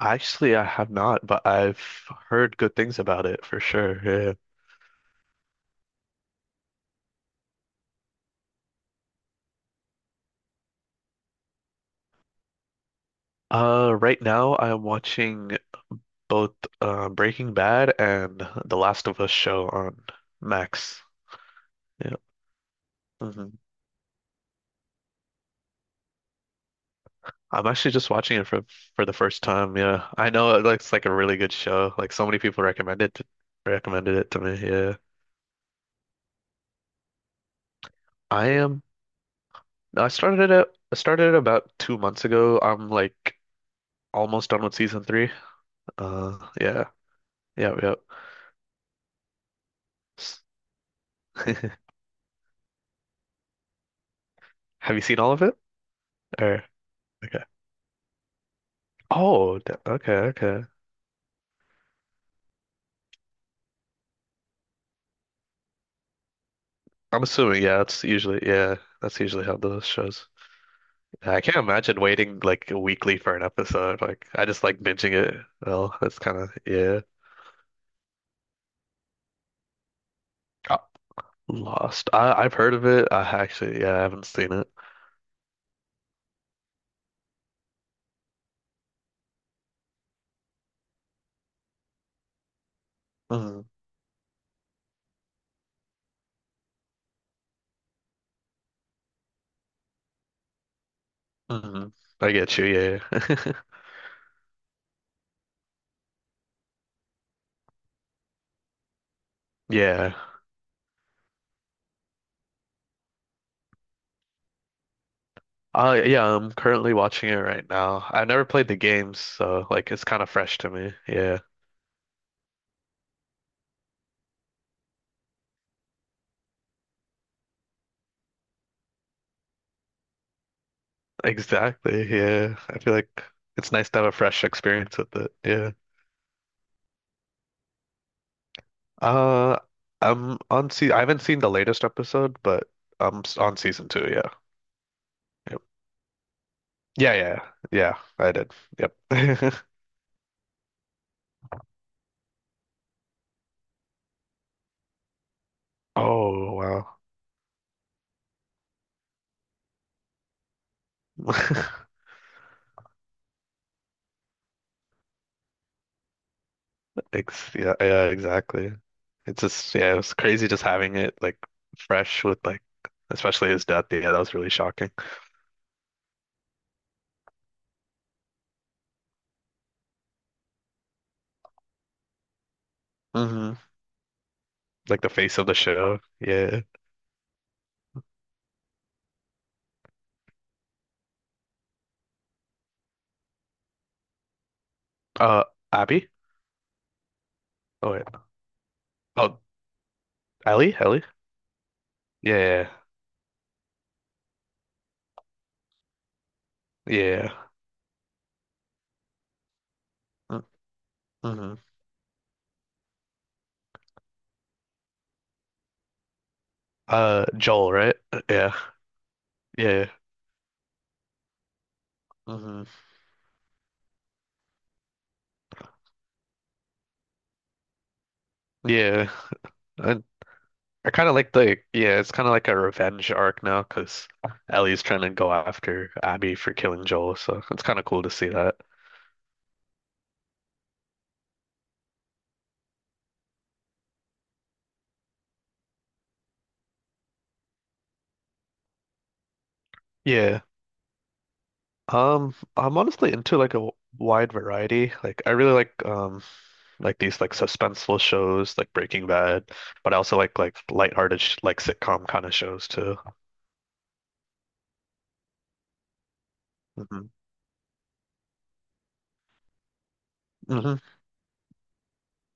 Actually, I have not, but I've heard good things about it for sure. Yeah. Right now I'm watching both, Breaking Bad and The Last of Us show on Max. Yeah. Hmm. I'm actually just watching it for the first time. Yeah. I know it looks like a really good show. Like so many people recommended it to me. Yeah. I am I started it out- I started it about 2 months ago. I'm like almost done with season three. Yeah. Yeah, yeah. Have you seen all of it? Or Okay. Oh, okay, okay. I'm assuming, yeah, that's usually how those shows. I can't imagine waiting like weekly for an episode. Like I just like binging it. Well, that's kind of, yeah. Uh, Lost. I've heard of it. I actually, yeah, I haven't seen it. Hmm. Hmm. I get you. Yeah. Yeah. Yeah, I'm currently watching it right now. I've never played the games, so like it's kind of fresh to me. Yeah. Exactly. Yeah. I feel like it's nice to have a fresh experience with it. Yeah. Uh, I'm on se I haven't seen the latest episode, but I'm on season two. Yeah. Yep. Yeah. Yeah. Yeah. I did. Yep. Oh, wow. Ex yeah, yeah, exactly. It's just, yeah, it was crazy just having it like fresh with like, especially his death. Yeah, that was really shocking. Hmm. Like the face of the show. Yeah. Uh, Abby? Oh, wait. Oh, Ellie? Ellie? Yeah. Yeah. Yeah. Yeah. Mm-hmm. Joel, right? Yeah. Yeah. Hmm. Yeah. I, I kind of like the, yeah, it's kind of like a revenge arc now because Ellie's trying to go after Abby for killing Joel. So it's kind of cool to see that. Yeah. I'm honestly into like a wide variety. Like I really like these like suspenseful shows like Breaking Bad, but I also like lighthearted sh like sitcom kind of shows too. Hmm. Hmm.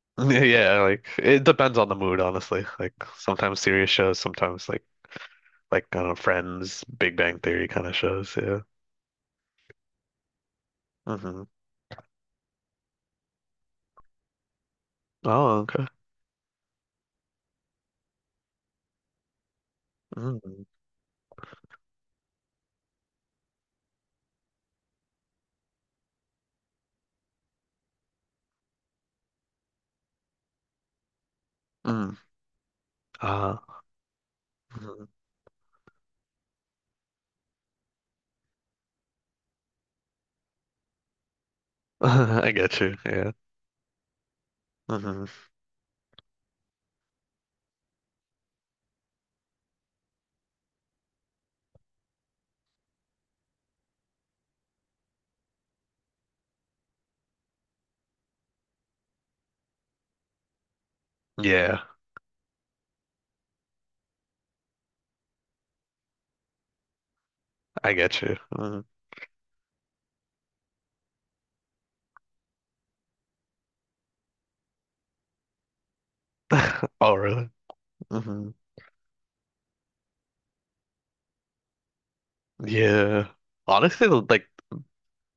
Yeah, yeah, like it depends on the mood, honestly. Like sometimes serious shows, sometimes like I don't know, Friends, Big Bang Theory kind of shows. Yeah. Hmm. Oh, okay. Mm-hmm. Mm. Uh, mhm. I get you. Yeah. Hmm. Yeah, I get you. Mhm. Oh, really? Hmm. Yeah. Honestly, like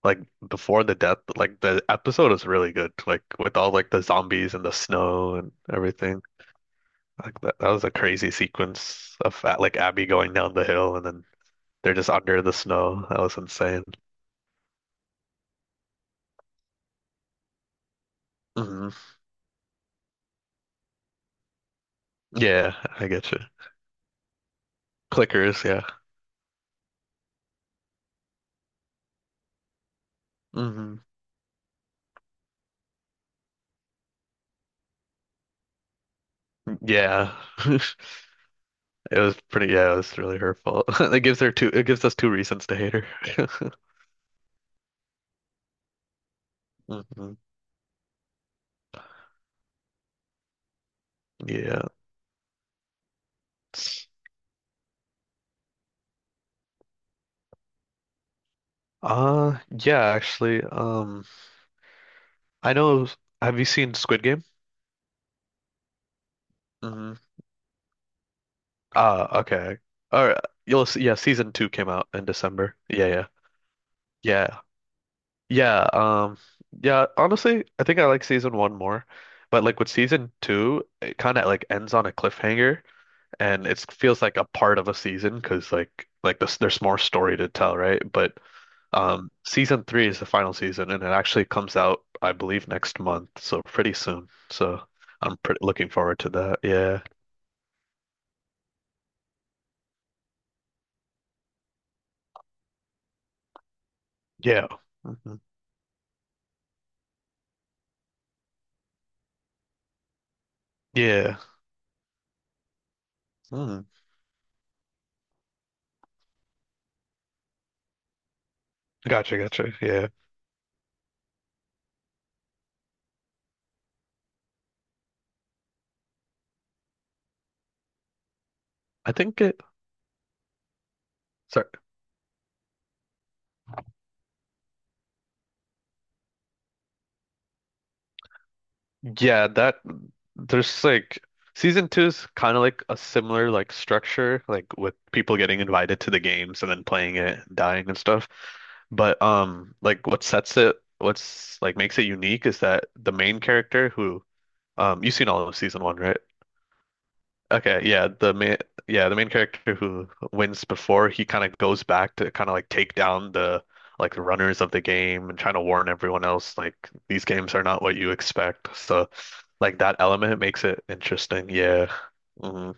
like before the death, like the episode is really good. Like with all like the zombies and the snow and everything. Like that was a crazy sequence of like Abby going down the hill and then they're just under the snow. That was insane. Hmm. Yeah, I get you. Clickers, yeah. Hmm. Yeah. It was pretty, yeah, it was really her fault. It gives her two, it gives us two reasons to hate her. Hmm. Yeah. Yeah, actually, I know, have you seen Squid Game? Hmm. Ah, okay. All right. You'll see, yeah, season two came out in December. Yeah, yeah. Yeah. Yeah, yeah, honestly, I think I like season one more. But like with season two, it kind of like ends on a cliffhanger and it feels like a part of a season because like this there's more story to tell, right? But season three is the final season and it actually comes out, I believe, next month, so pretty soon. So I'm pretty looking forward to that. Yeah. Yeah. Hmm. Yeah. Mm. Gotcha, gotcha. Yeah. I think it, sorry. Yeah, that there's like season two is kind of like a similar like structure, like with people getting invited to the games and then playing it, dying and stuff. But like what sets it, what's like makes it unique is that the main character who you've seen all of season one, right? Okay, yeah, the main character who wins before he kind of goes back to kind of like take down the runners of the game and trying to warn everyone else like these games are not what you expect. So like that element makes it interesting. Yeah. Hmm.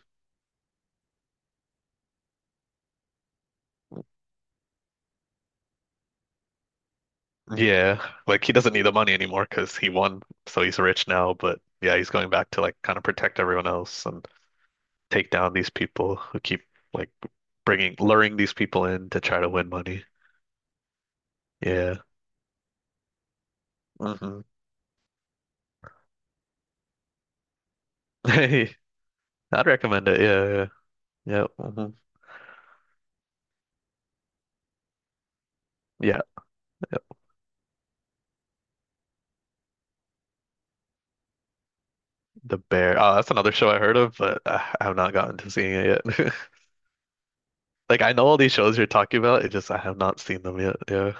Yeah. Like he doesn't need the money anymore 'cause he won, so he's rich now, but yeah, he's going back to like kind of protect everyone else and take down these people who keep like bringing luring these people in to try to win money. Yeah. Hmm. I'd recommend it. Yeah, yeah, yeah. Yep. Mhm. Yeah, yep. The Bear. Oh, that's another show I heard of, but I have not gotten to seeing it yet. Like I know all these shows you're talking about, it just I have not seen them yet. Yeah.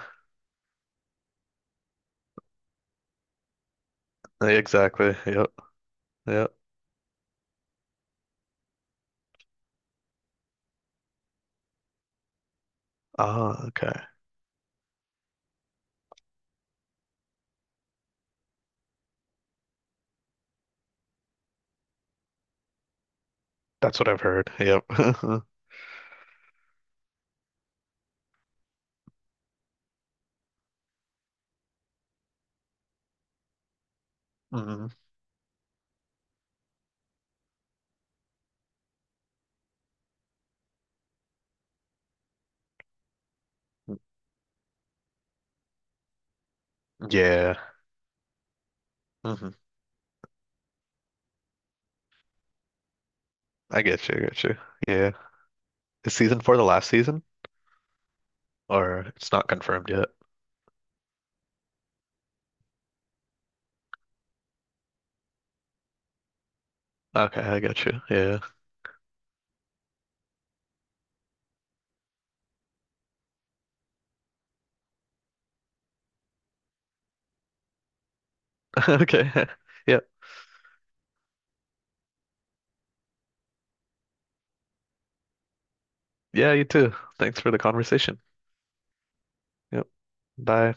Yeah, exactly. Yep. Yep. Ah, okay. That's what I've heard. Yep. Hmm. Yeah. Hmm. I get you. I get you. Yeah. Is season four the last season, or it's not confirmed yet? Okay, I got you. Yeah. Okay. Yep. Yeah, you too. Thanks for the conversation. Yep. Bye.